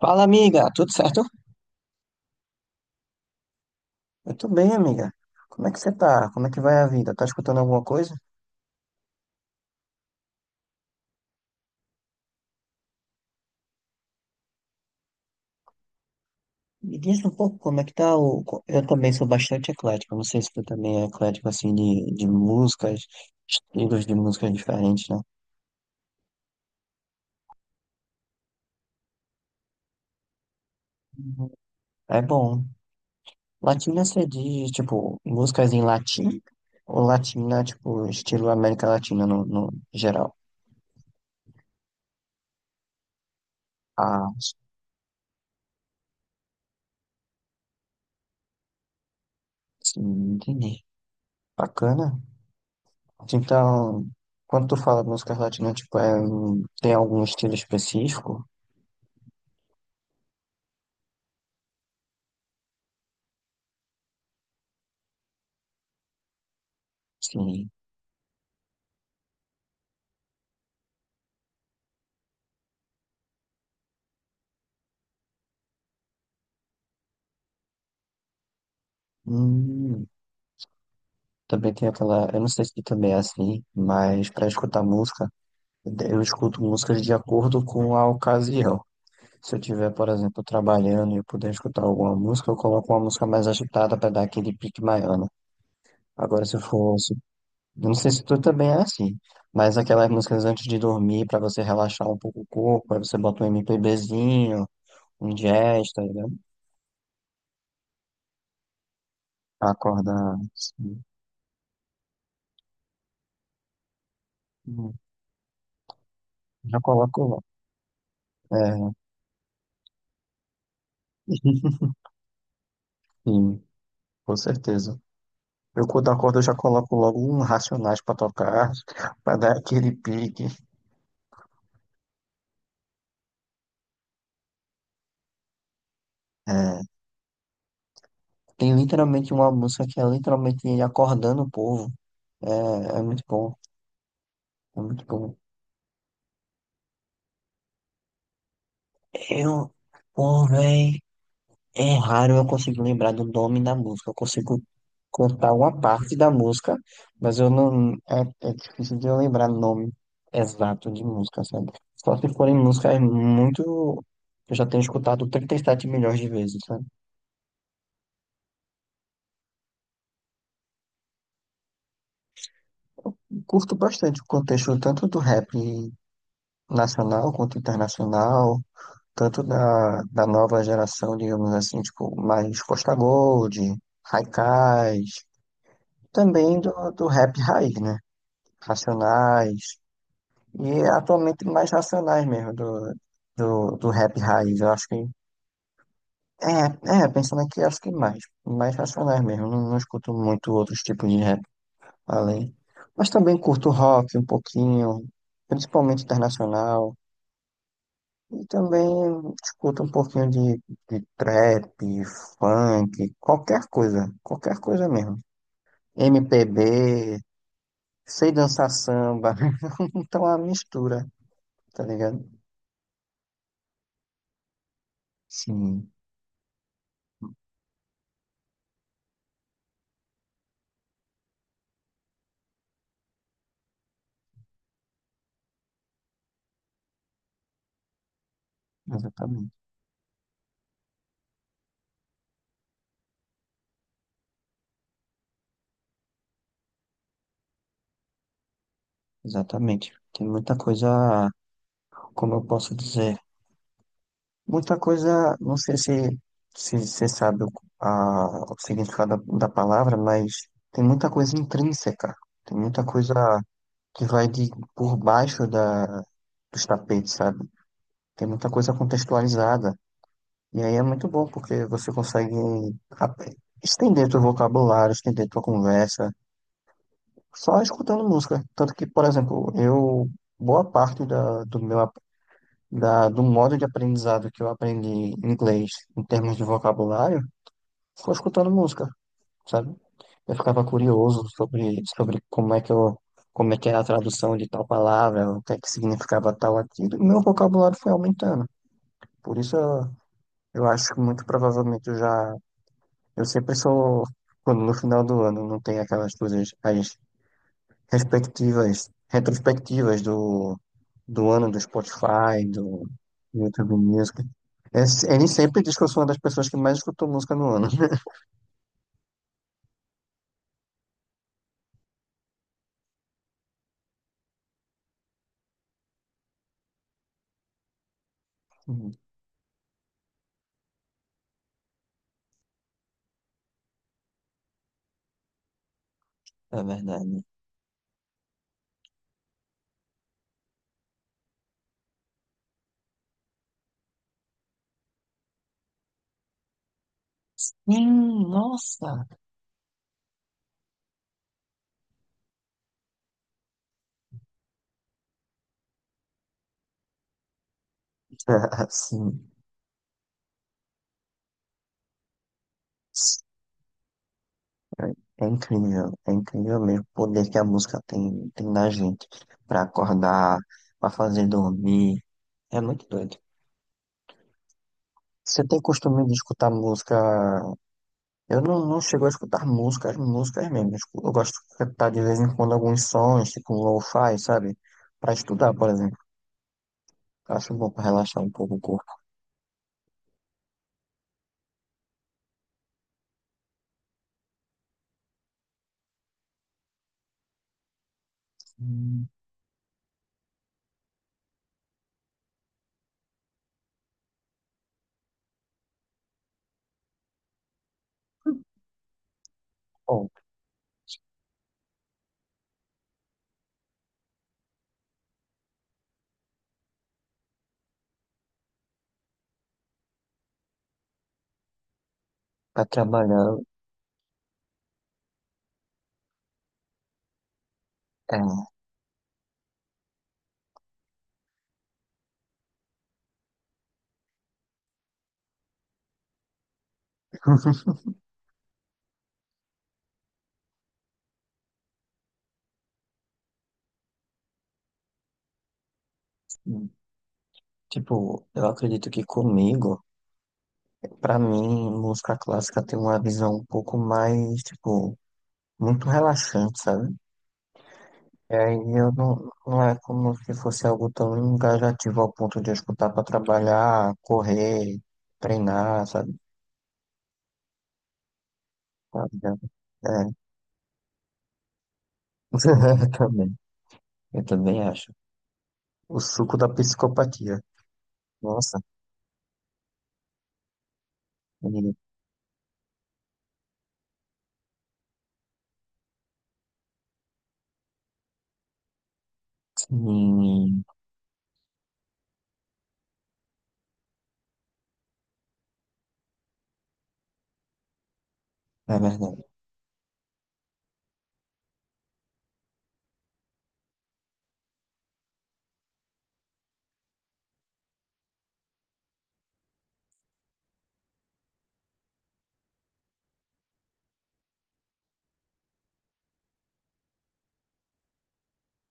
Fala, amiga, tudo certo? Eu tô bem, amiga. Como é que você tá? Como é que vai a vida? Tá escutando alguma coisa? Me diz um pouco como é que tá o... Eu também sou bastante eclético, não sei se tu também é eclético, assim, de músicas, estilos de músicas diferentes, né? Uhum. É bom. Latina você diz, tipo, músicas em latim? Ou latina, tipo, estilo América Latina no geral? Ah, sim, entendi. Bacana. Então, quando tu fala de música latina, tipo, um- tem algum estilo específico? Sim. Hum, também tem aquela, eu não sei se tu também é assim, mas para escutar música, eu escuto músicas de acordo com a ocasião. Se eu tiver, por exemplo, trabalhando e eu puder escutar alguma música, eu coloco uma música mais agitada para dar aquele pique maior, né? Agora, se eu fosse, eu não sei se tu também é assim, mas aquelas músicas antes de dormir, para você relaxar um pouco o corpo, aí você bota um MPBzinho. Ingesta, né? Pra acordar, assim. Hum, Já coloco lá. É, sim, com certeza. Eu quando acordo, eu já coloco logo um Racionais pra tocar, pra dar aquele pique. É, tem literalmente uma música que é literalmente ele acordando o povo. É, é muito bom, é muito bom. Eu pulei. É raro eu conseguir lembrar do nome da música. Eu consigo contar uma parte da música, mas eu não. É, é difícil de eu lembrar nome exato de música, sabe? Só se forem músicas muito. Eu já tenho escutado 37 milhões de vezes, sabe? Curto bastante o contexto tanto do rap nacional quanto internacional, tanto da nova geração, digamos assim, tipo, mais Costa Gold, Haikais, também do rap raiz, né? Racionais. E é atualmente mais racionais mesmo do, do rap raiz. Eu acho que. É, é, pensando aqui, acho que mais. Mais racionais mesmo. Não, não escuto muito outros tipos de rap além. Mas também curto rock um pouquinho, principalmente internacional. E também escuto um pouquinho de trap, funk, qualquer coisa. Qualquer coisa mesmo. MPB, sei dançar samba. Então é uma mistura, tá ligado? Sim, exatamente. Exatamente. Tem muita coisa, como eu posso dizer, muita coisa, não sei se você sabe o, a, o significado da palavra, mas tem muita coisa intrínseca, tem muita coisa que vai de por baixo da, dos tapetes, sabe? Tem muita coisa contextualizada. E aí é muito bom, porque você consegue ap- estender teu vocabulário, estender tua conversa, só escutando música. Tanto que, por exemplo, eu, boa parte da, do meu da, do modo de aprendizado que eu aprendi inglês em termos de vocabulário foi escutando música, sabe? Eu ficava curioso sobre como é que eu, como é que era a tradução de tal palavra, o que é que significava tal aquilo, e meu vocabulário foi aumentando. Por isso eu acho que muito provavelmente eu já, eu sempre sou, quando no final do ano não tem aquelas coisas, as respectivas, retrospectivas do, do ano do Spotify, do YouTube Music. É, ele sempre diz que eu sou uma das pessoas que mais escutou música no ano. É verdade. Nossa! Sim. É incrível mesmo o poder que a música tem, tem na gente para acordar, para fazer dormir. É muito doido. Você tem costume de escutar música? Eu não, não chego a escutar músicas, músicas mesmo. Eu gosto de escutar de vez em quando alguns sons, tipo um lo-fi, sabe? Pra estudar, por exemplo. Eu acho bom pra relaxar um pouco o corpo. Hum. Bom, pra trabalhar, é, tipo, eu acredito que comigo, pra mim, música clássica tem uma visão um pouco mais, tipo, muito relaxante, sabe? E aí eu não, não é como se fosse algo tão engajativo ao ponto de eu escutar pra trabalhar, correr, treinar, sabe? Tá ligado? É, também, eu também acho. O suco da psicopatia. Nossa, e, e, é verdade.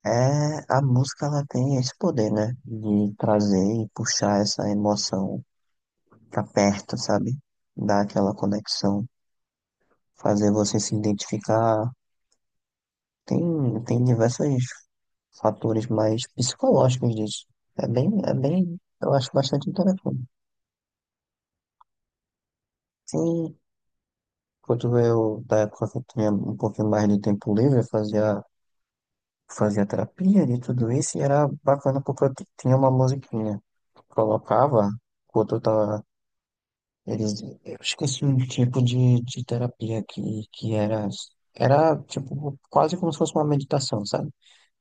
É, a música ela tem esse poder, né? De trazer e puxar essa emoção pra perto, sabe? Dar aquela conexão, fazer você se identificar. Tem diversos fatores mais psicológicos disso. É bem, eu acho bastante interessante. Sim. Quando eu, da época que eu tinha um pouquinho mais de tempo livre, eu fazia, fazia terapia de tudo isso e era bacana porque tinha uma musiquinha. Colocava, quando eu tava, eles, eu esqueci um tipo de terapia que era, era tipo quase como se fosse uma meditação, sabe?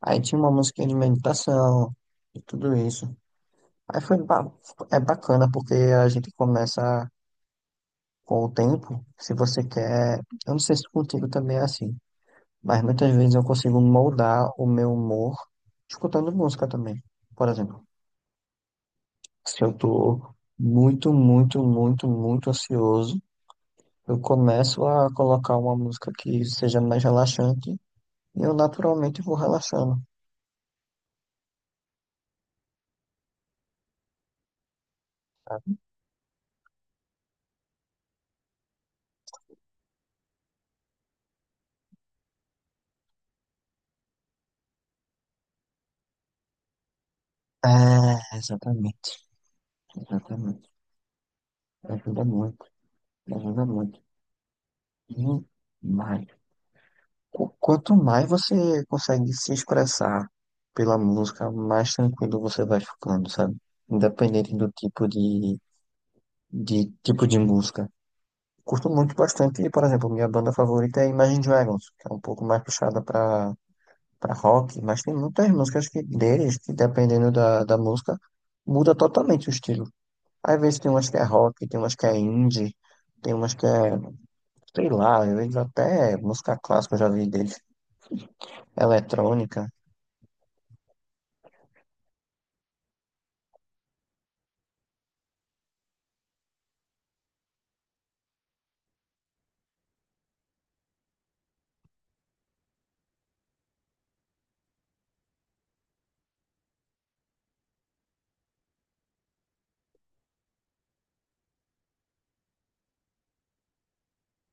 Aí tinha uma musiquinha de meditação e tudo isso. Aí foi, ba- É bacana porque a gente começa com o tempo, se você quer, eu não sei se contigo também é assim. Mas muitas vezes eu consigo moldar o meu humor escutando música também. Por exemplo, se eu tô muito, muito, muito, muito ansioso, eu começo a colocar uma música que seja mais relaxante e eu naturalmente vou relaxando. É, exatamente, exatamente. Ajuda muito, ajuda muito. E mais, quanto mais você consegue se expressar pela música, mais tranquilo você vai ficando, sabe? Independente do tipo de tipo de música. Curto muito bastante, e, por exemplo, minha banda favorita é Imagine Dragons, que é um pouco mais puxada para para rock, mas tem muitas músicas que deles que dependendo da música muda totalmente o estilo. Às vezes tem umas que é rock, tem umas que é indie, tem umas que é, sei lá, às vezes até música clássica eu já vi deles, eletrônica.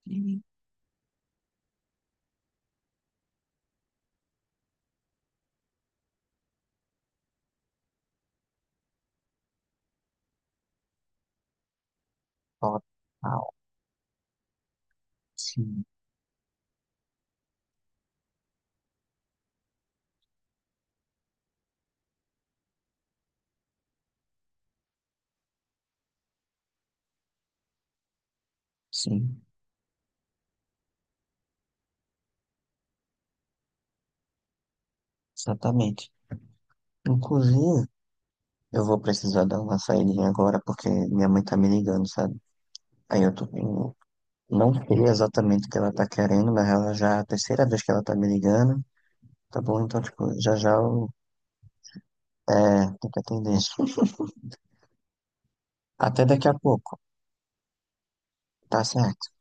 Sim. Total. Sim, sim, exatamente. Inclusive, eu vou precisar dar uma saída agora porque minha mãe tá me ligando, sabe? Aí eu tô, não sei exatamente o que ela tá querendo, mas ela já é a terceira vez que ela tá me ligando. Tá bom, então, tipo, já já eu tenho que atender. Até daqui a pouco. Tá certo.